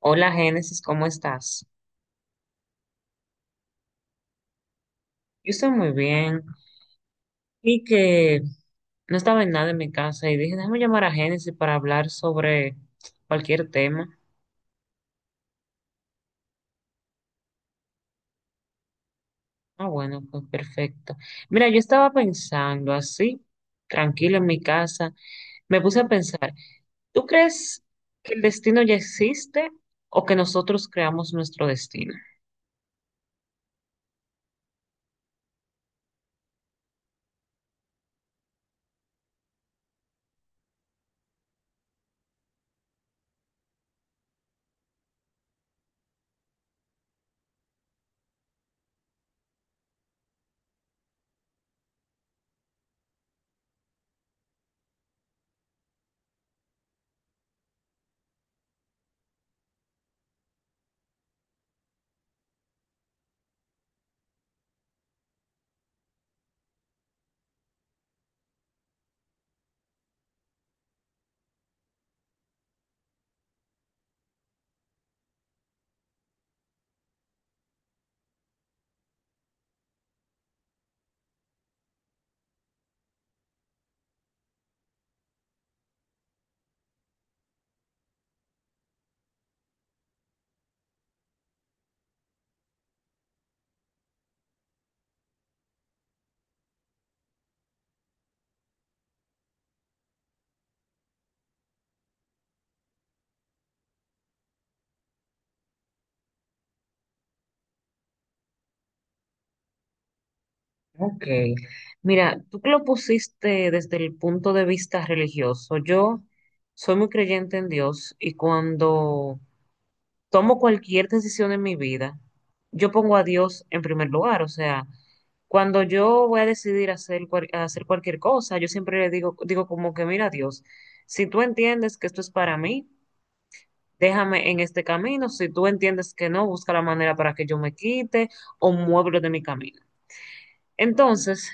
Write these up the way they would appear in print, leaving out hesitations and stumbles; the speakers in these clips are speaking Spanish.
Hola Génesis, ¿cómo estás? Yo estoy muy bien y que no estaba en nada en mi casa y dije, déjame llamar a Génesis para hablar sobre cualquier tema. Ah, bueno, pues perfecto. Mira, yo estaba pensando así, tranquilo en mi casa, me puse a pensar, ¿tú crees que el destino ya existe o que nosotros creamos nuestro destino? Ok, mira, tú que lo pusiste desde el punto de vista religioso, yo soy muy creyente en Dios y cuando tomo cualquier decisión en mi vida, yo pongo a Dios en primer lugar, o sea, cuando yo voy a decidir hacer, hacer cualquier cosa, yo siempre le digo, digo como que, mira Dios, si tú entiendes que esto es para mí, déjame en este camino, si tú entiendes que no, busca la manera para que yo me quite o muévelo de mi camino. Entonces,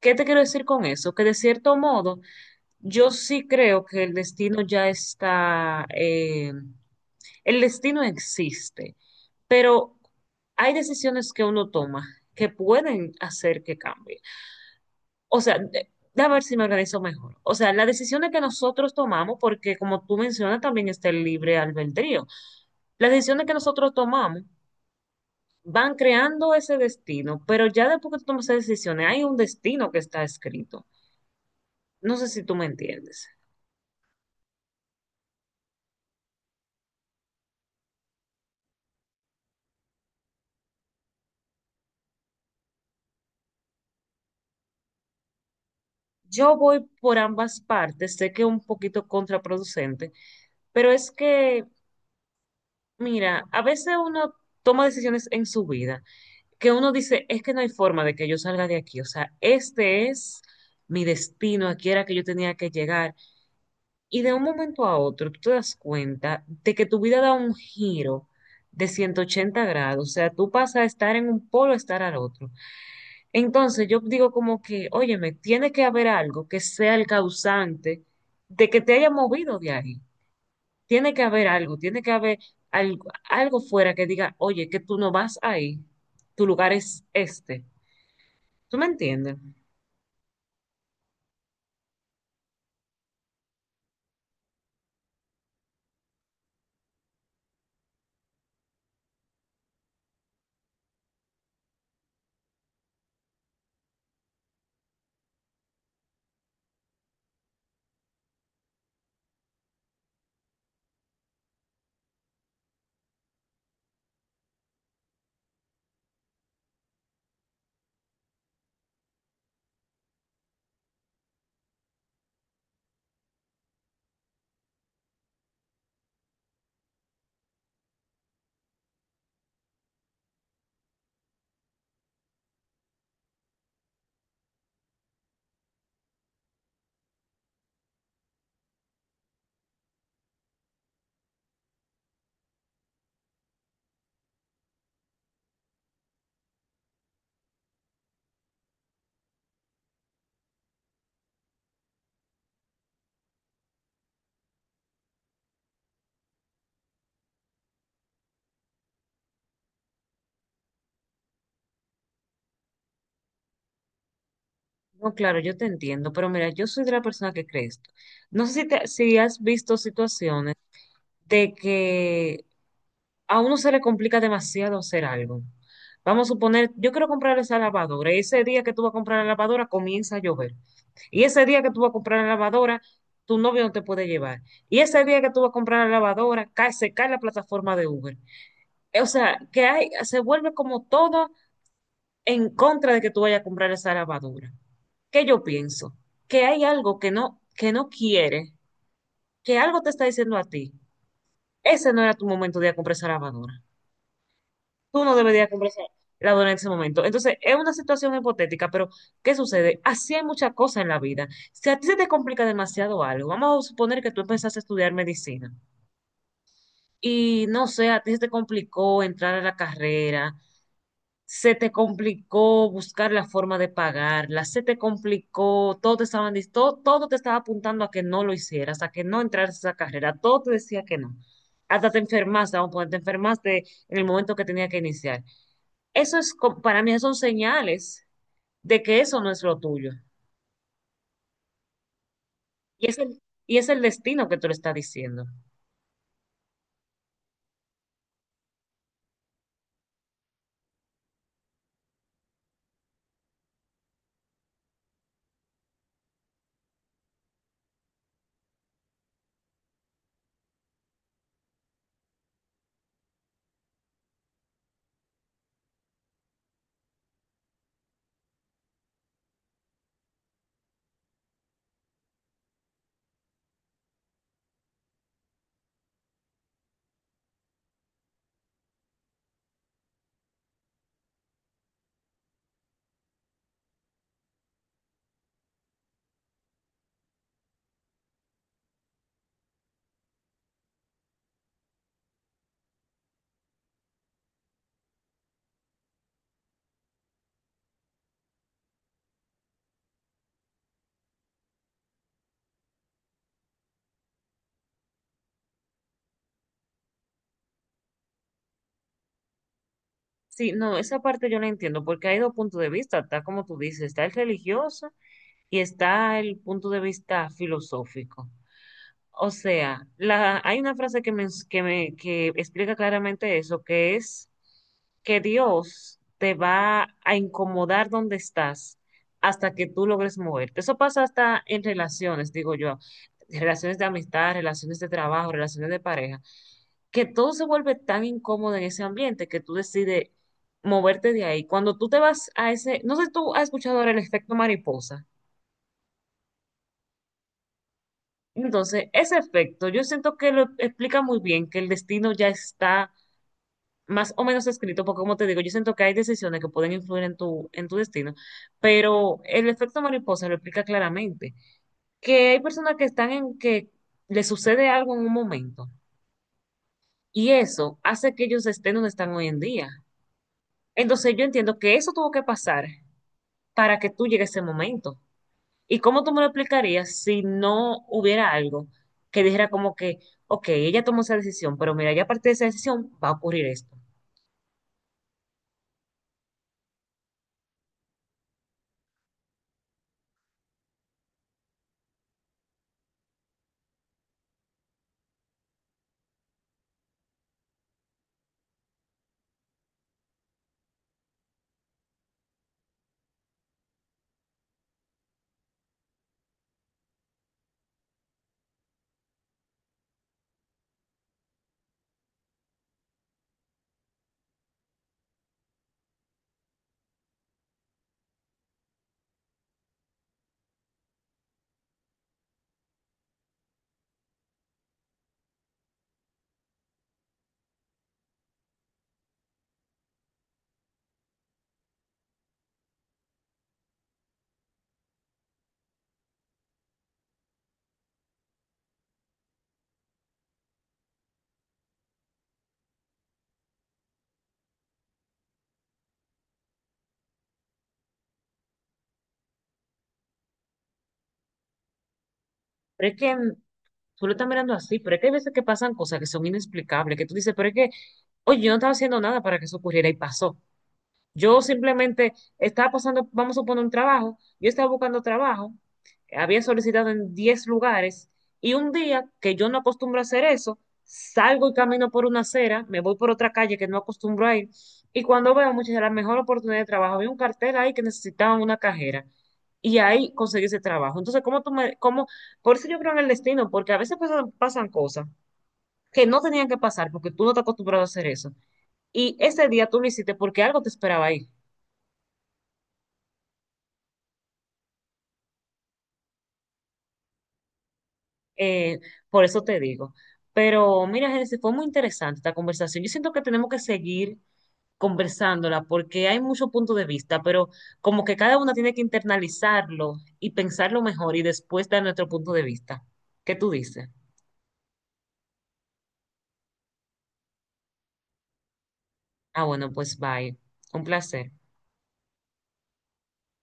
¿qué te quiero decir con eso? Que de cierto modo, yo sí creo que el destino ya está, el destino existe, pero hay decisiones que uno toma que pueden hacer que cambie. O sea, déjame ver si me organizo mejor. O sea, las decisiones que nosotros tomamos, porque como tú mencionas, también está el libre albedrío. Las decisiones que nosotros tomamos van creando ese destino, pero ya después que tú tomas esas decisiones, hay un destino que está escrito. No sé si tú me entiendes. Yo voy por ambas partes, sé que es un poquito contraproducente, pero es que, mira, a veces uno toma decisiones en su vida que uno dice, es que no hay forma de que yo salga de aquí, o sea, este es mi destino, aquí era que yo tenía que llegar. Y de un momento a otro, tú te das cuenta de que tu vida da un giro de 180 grados, o sea, tú pasas a estar en un polo a estar al otro. Entonces yo digo como que, óyeme, tiene que haber algo que sea el causante de que te haya movido de ahí. Tiene que haber algo, tiene que haber algo, algo fuera que diga, oye, que tú no vas ahí, tu lugar es este. ¿Tú me entiendes? No, claro, yo te entiendo, pero mira, yo soy de la persona que cree esto. No sé si, si has visto situaciones de que a uno se le complica demasiado hacer algo. Vamos a suponer, yo quiero comprar esa lavadora y ese día que tú vas a comprar la lavadora comienza a llover. Y ese día que tú vas a comprar la lavadora, tu novio no te puede llevar. Y ese día que tú vas a comprar la lavadora, se cae la plataforma de Uber. O sea, que hay, se vuelve como todo en contra de que tú vayas a comprar esa lavadora. ¿Qué yo pienso? Que hay algo que no quiere, que algo te está diciendo a ti. Ese no era tu momento de ir a comprar esa lavadora. Tú no deberías comprarse la dona en ese momento. Entonces, es una situación hipotética, pero ¿qué sucede? Así hay muchas cosas en la vida. Si a ti se te complica demasiado algo, vamos a suponer que tú empezaste a estudiar medicina y no sé, a ti se te complicó entrar a la carrera, se te complicó buscar la forma de pagarla, se te complicó, todo, todo te estaba apuntando a que no lo hicieras, a que no entraras a esa carrera, todo te decía que no. Hasta te enfermaste, vamos a poner, te enfermaste en el momento que tenía que iniciar. Eso es, para mí, son señales de que eso no es lo tuyo. Y es el, y es el destino que tú le estás diciendo. Sí, no, esa parte yo la entiendo, porque hay dos puntos de vista, está como tú dices, está el religioso y está el punto de vista filosófico. O sea, hay una frase que, que explica claramente eso, que es que Dios te va a incomodar donde estás hasta que tú logres moverte. Eso pasa hasta en relaciones, digo yo, relaciones de amistad, relaciones de trabajo, relaciones de pareja, que todo se vuelve tan incómodo en ese ambiente que tú decides moverte de ahí. Cuando tú te vas a ese, no sé si tú has escuchado ahora el efecto mariposa. Entonces, ese efecto, yo siento que lo explica muy bien que el destino ya está más o menos escrito, porque como te digo, yo siento que hay decisiones que pueden influir en tu destino, pero el efecto mariposa lo explica claramente, que hay personas que están en que les sucede algo en un momento y eso hace que ellos estén donde están hoy en día. Entonces, yo entiendo que eso tuvo que pasar para que tú llegues a ese momento. ¿Y cómo tú me lo explicarías si no hubiera algo que dijera como que, ok, ella tomó esa decisión, pero mira, ya a partir de esa decisión va a ocurrir esto? Pero es que tú lo estás mirando así, pero es que hay veces que pasan cosas que son inexplicables, que tú dices, pero es que, oye, yo no estaba haciendo nada para que eso ocurriera y pasó. Yo simplemente estaba pasando, vamos a poner un trabajo, yo estaba buscando trabajo, había solicitado en 10 lugares y un día que yo no acostumbro a hacer eso, salgo y camino por una acera, me voy por otra calle que no acostumbro a ir y cuando veo muchas de las mejores oportunidades de trabajo, había un cartel ahí que necesitaban una cajera y ahí conseguí ese trabajo. Entonces, ¿cómo tú me, cómo, por eso yo creo en el destino, porque a veces pasan, pasan cosas que no tenían que pasar porque tú no te acostumbrado a hacer eso. Y ese día tú lo hiciste porque algo te esperaba ahí. Eh, por eso te digo. Pero mira, Génesis, fue muy interesante esta conversación. Yo siento que tenemos que seguir conversándola porque hay muchos puntos de vista, pero como que cada uno tiene que internalizarlo y pensarlo mejor y después dar nuestro punto de vista. ¿Qué tú dices? Ah, bueno, pues bye. Un placer.